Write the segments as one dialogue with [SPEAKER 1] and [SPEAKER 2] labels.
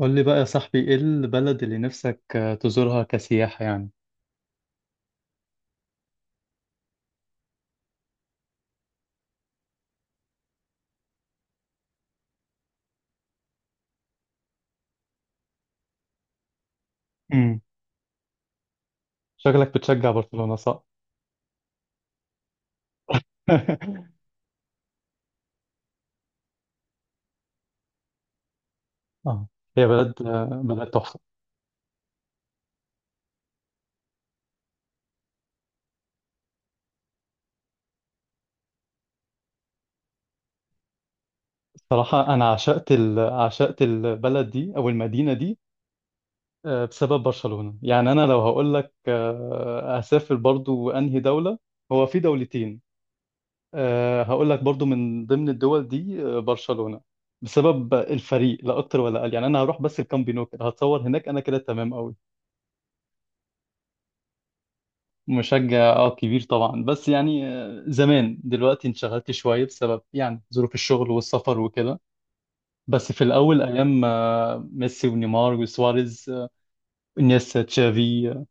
[SPEAKER 1] قول لي بقى يا صاحبي، ايه البلد اللي نفسك تزورها كسياحة يعني؟ امم شكلك بتشجع برشلونة، صح؟ اه، هي بلد تحفة. الصراحة انا عشقت عشقت البلد دي او المدينة دي، بسبب برشلونة. يعني انا لو هقول لك اسافر برضو انهي دولة، هو في دولتين. هقول لك برضو من ضمن الدول دي برشلونة، بسبب الفريق لا اكتر ولا اقل. يعني انا هروح بس الكامب نو، كده هتصور هناك انا كده تمام قوي. مشجع، اه، كبير طبعا، بس يعني زمان. دلوقتي انشغلت شوية بسبب يعني ظروف الشغل والسفر وكده. بس في الأول أيام ميسي ونيمار وسواريز، انيستا، تشافي،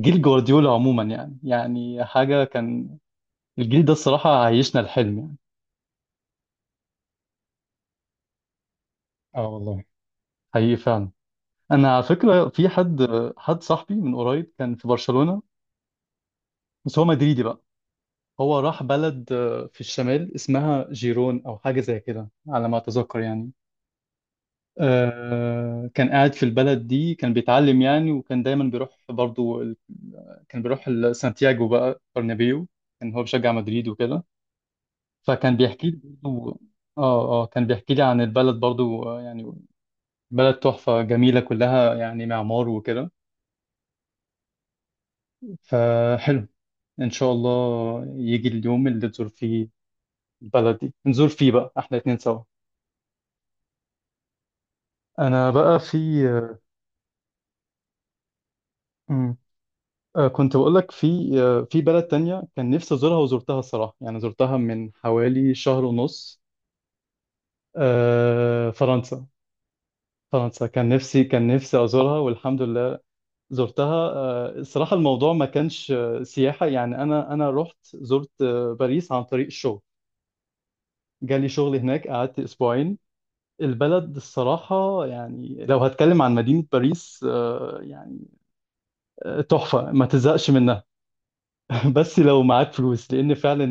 [SPEAKER 1] جيل جوارديولا عموما، يعني يعني حاجة كان الجيل ده، الصراحة عيشنا الحلم يعني. اه والله، حقيقي فعلا. أنا على فكرة في حد، حد صاحبي من قريب كان في برشلونة، بس هو مدريدي بقى. هو راح بلد في الشمال، اسمها جيرون أو حاجة زي كده على ما أتذكر يعني. كان قاعد في البلد دي، كان بيتعلم يعني، وكان دايما بيروح برضو كان بيروح سانتياغو بقى، برنابيو. كان هو بيشجع مدريد وكده، فكان بيحكي لي برضو. اه اه، كان بيحكي لي عن البلد برضو يعني بلد تحفة جميلة كلها، يعني معمار وكده، فحلو. ان شاء الله يجي اليوم اللي تزور فيه البلد دي، نزور فيه بقى احنا اتنين سوا. انا بقى في آه، كنت بقول لك في في بلد تانية كان نفسي أزورها وزرتها الصراحة، يعني زرتها من حوالي شهر ونص. فرنسا. فرنسا كان نفسي أزورها، والحمد لله زرتها. الصراحة الموضوع ما كانش سياحة يعني، أنا رحت زرت باريس عن طريق الشغل. جالي شغل هناك، قعدت أسبوعين. البلد الصراحة، يعني لو هتكلم عن مدينة باريس، يعني تحفة ما تزهقش منها. بس لو معاك فلوس، لأن فعلا،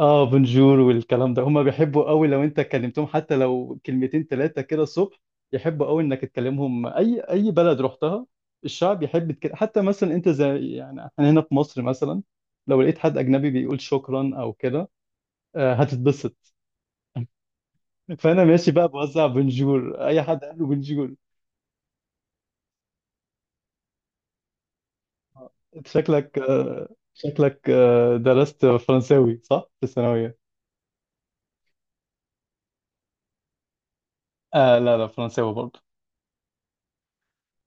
[SPEAKER 1] اه، بونجور والكلام ده هما بيحبوا قوي لو انت كلمتهم، حتى لو كلمتين ثلاثه كده الصبح يحبوا قوي انك تكلمهم. اي بلد رحتها، الشعب يحب كده. حتى مثلا انت زي يعني احنا هنا في مصر مثلا، لو لقيت حد اجنبي بيقول شكرا او كده هتتبسط. فانا ماشي بقى بوزع بونجور، اي حد قال له بونجور. انت شكلك، درست فرنساوي، صح، في الثانويه؟ آه، لا لا، فرنساوي برضه.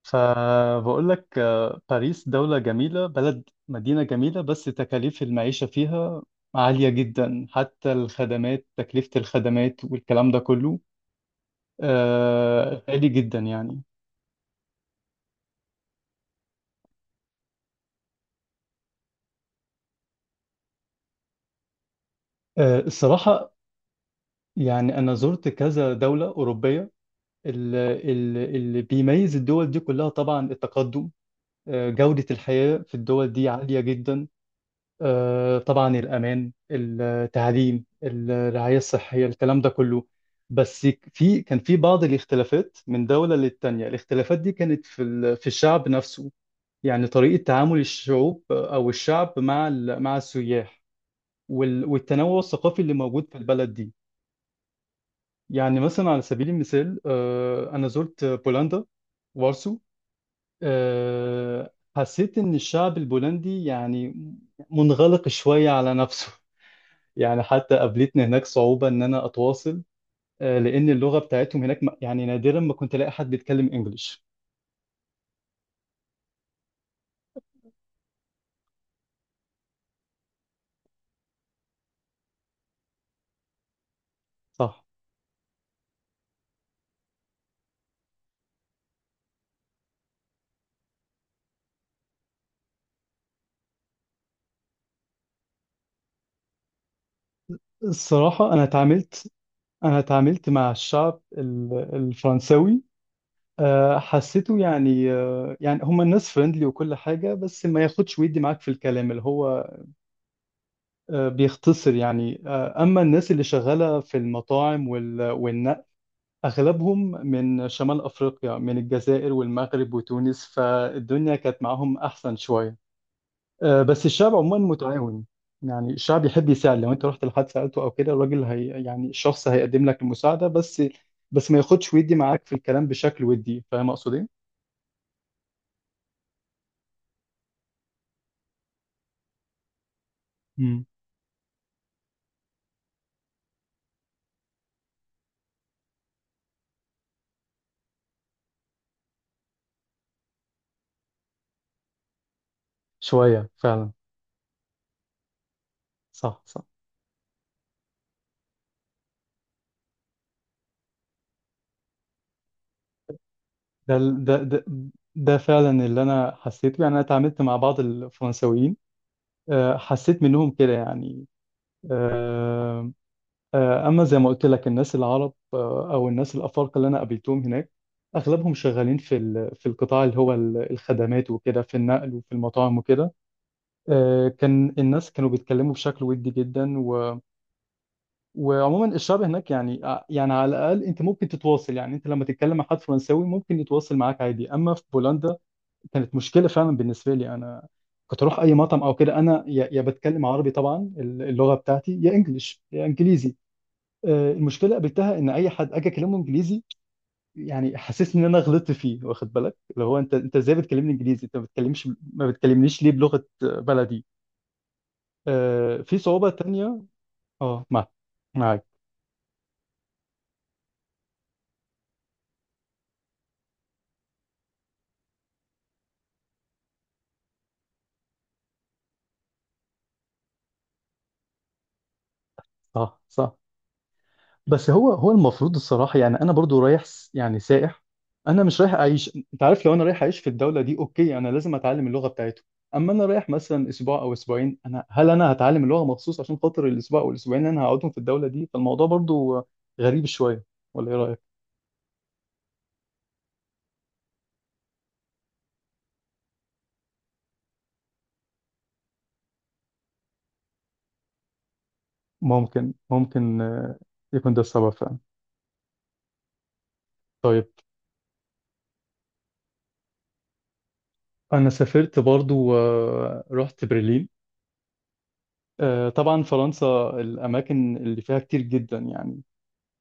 [SPEAKER 1] فبقول لك، باريس دولة جميلة، بلد مدينة جميلة، بس تكاليف المعيشة فيها عالية جدا. حتى الخدمات، تكلفة الخدمات والكلام ده كله غالي جدا يعني. الصراحة يعني أنا زرت كذا دولة أوروبية. اللي بيميز الدول دي كلها طبعا التقدم، جودة الحياة في الدول دي عالية جدا، طبعا الأمان، التعليم، الرعاية الصحية، الكلام ده كله. بس في، كان في بعض الاختلافات من دولة للتانية، الاختلافات دي كانت في في الشعب نفسه. يعني طريقة تعامل الشعوب أو الشعب مع مع السياح، والتنوع الثقافي اللي موجود في البلد دي. يعني مثلا على سبيل المثال، أنا زرت بولندا، وارسو. حسيت إن الشعب البولندي يعني منغلق شوية على نفسه. يعني حتى قابلتني هناك صعوبة إن أنا أتواصل، لأن اللغة بتاعتهم هناك يعني نادرا ما كنت ألاقي حد بيتكلم إنجليش. صح. الصراحة، أنا اتعاملت مع الشعب الفرنساوي. حسيته يعني، يعني هم الناس فريندلي وكل حاجة، بس ما ياخدش ويدي معاك في الكلام، اللي هو بيختصر يعني. أما الناس اللي شغالة في المطاعم والنقل، أغلبهم من شمال أفريقيا، من الجزائر والمغرب وتونس، فالدنيا كانت معاهم أحسن شوية. بس الشعب عموما متعاون. يعني الشعب يحب يساعد، لو انت رحت لحد سألته او كده، الراجل، هي يعني الشخص، هيقدم لك المساعدة، بس بس ما ياخدش ويدي معاك في الكلام بشكل ودي، فاهم اقصد ايه؟ امم شوية فعلا. صح صح. ده ده ده ده فعلا اللي انا حسيته يعني. انا اتعاملت مع بعض الفرنساويين حسيت منهم كده يعني. آه، اما زي ما قلت لك الناس العرب، او الناس الافارقه اللي انا قابلتهم هناك، اغلبهم شغالين في في القطاع اللي هو الخدمات وكده، في النقل وفي المطاعم وكده. كان الناس كانوا بيتكلموا بشكل ودي جدا وعموما الشعب هناك يعني يعني على الاقل انت ممكن تتواصل. يعني انت لما تتكلم مع حد فرنساوي ممكن يتواصل معاك عادي، اما في بولندا كانت مشكله فعلا بالنسبه لي انا. كنت اروح اي مطعم او كده، انا يا بتكلم عربي طبعا اللغه بتاعتي، يا انجليش يا انجليزي. المشكله قابلتها، ان اي حد اجي اكلمه انجليزي يعني حاسسني ان انا غلطت فيه، واخد بالك، اللي هو انت ازاي بتكلمني انجليزي، انت ما بتكلمنيش ليه بلغه بلدي. في صعوبه تانية. اه، معاك. صح صح. بس هو هو المفروض الصراحة، يعني أنا برضو رايح، يعني سائح، أنا مش رايح أعيش. أنت عارف، لو أنا رايح أعيش في الدولة دي أوكي، أنا لازم أتعلم اللغة بتاعته، أما أنا رايح مثلا أسبوع أو أسبوعين، أنا هل أنا هتعلم اللغة مخصوص عشان خاطر الأسبوع أو الأسبوعين اللي أنا هقعدهم في الدولة دي؟ فالموضوع برضو غريب شوية، ولا إيه رأيك؟ ممكن ممكن يكون ده السبب فعلا. طيب. أنا سافرت برضو رحت برلين. طبعا فرنسا الأماكن اللي فيها كتير جدا يعني.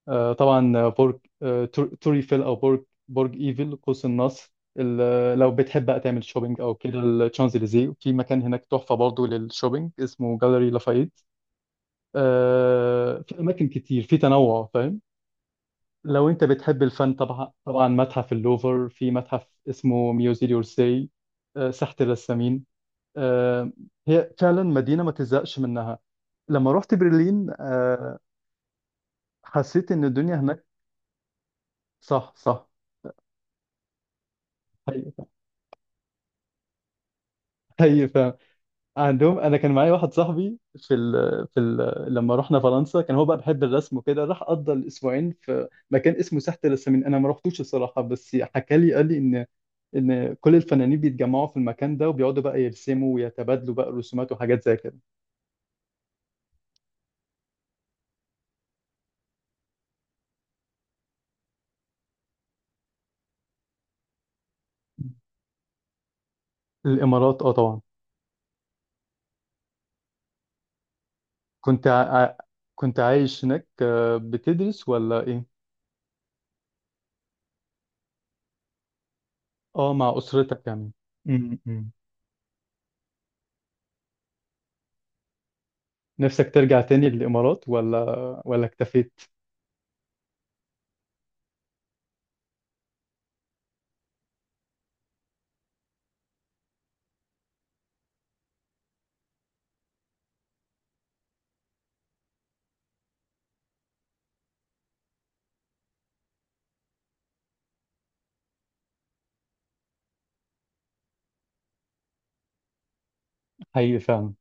[SPEAKER 1] طبعا، برج، توري فيل، او برج ايفل، قوس النصر، لو بتحب بقى تعمل شوبينج او كده الشانزليزيه، في مكان هناك تحفه برضو للشوبينج اسمه جاليري لافايت. في اماكن كتير، في تنوع فاهم. لو انت بتحب الفن، طبعا طبعا متحف اللوفر، في متحف اسمه ميوزي دورسي، ساحه الرسامين، آه، هي فعلا مدينه ما تزهقش منها. لما رحت برلين حسيت ان الدنيا هناك. صح صح. هي هي فعلا. عندهم، انا كان معايا واحد صاحبي في لما رحنا فرنسا كان هو بقى بيحب الرسم وكده، راح قضى الاسبوعين في مكان اسمه ساحة الرسامين. انا ما رحتوش الصراحة، بس حكى لي، قال لي ان كل الفنانين بيتجمعوا في المكان ده وبيقعدوا بقى يرسموا، ويتبادلوا بقى رسومات وحاجات زي كده. الامارات، اه طبعا. كنت ع... ع- كنت عايش هناك، بتدرس ولا ايه؟ اه، مع اسرتك يعني. م. نفسك ترجع تاني للامارات ولا اكتفيت؟ حقيقي فعلا.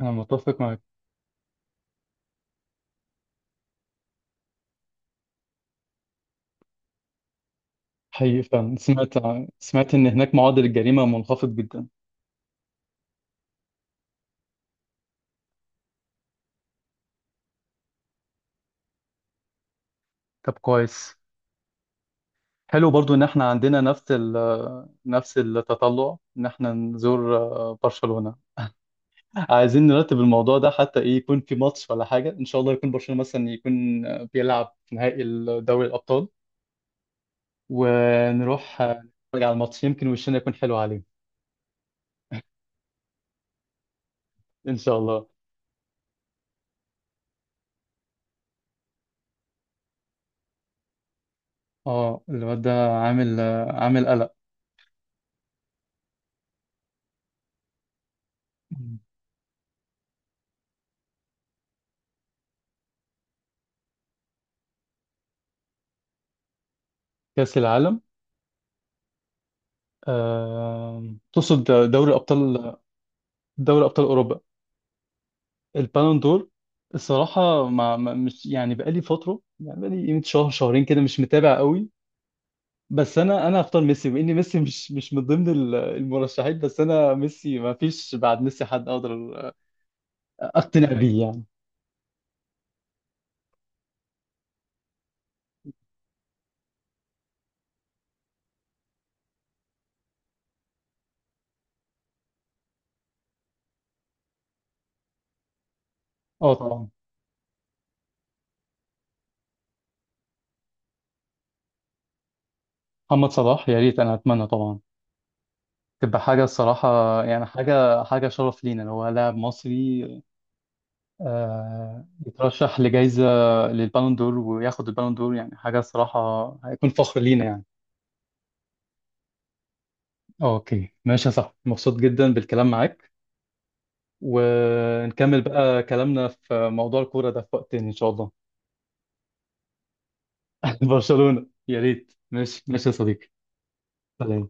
[SPEAKER 1] انا متفق معاك. حقيقي فعلا، سمعت ان هناك معدل الجريمه منخفض جدا. طب كويس. حلو برضو ان احنا عندنا نفس التطلع ان احنا نزور برشلونه. عايزين نرتب الموضوع ده، حتى ايه يكون في ماتش ولا حاجه، ان شاء الله يكون برشلونه مثلا يكون بيلعب في نهائي دوري الابطال، ونروح نتفرج على الماتش، يمكن وشنا يكون حلو عليه. ان شاء الله. اه، الواد ده عامل، عامل قلق. كاس العالم؟ تقصد دوري ابطال دوري ابطال اوروبا. البالون دور. الصراحه مش يعني، بقالي فتره، يعني بقالي قيمه شهر شهرين كده مش متابع قوي. بس انا هختار ميسي، واني ميسي مش من ضمن المرشحين، بس انا ميسي، ما فيش بعد ميسي حد اقدر اقتنع بيه يعني. اه طبعا. محمد صلاح يا ريت، انا اتمنى طبعا تبقى حاجه الصراحه. يعني حاجه شرف لينا لو هو لاعب مصري يترشح لجائزه للبالون دور، وياخد البالون دور، يعني حاجه الصراحه. هيكون فخر لينا يعني. اوكي، ماشي يا صاحبي، مبسوط جدا بالكلام معاك، ونكمل بقى كلامنا في موضوع الكورة ده في وقت تاني ان شاء الله. برشلونة يا ريت. ماشي ماشي يا صديقي. سلام.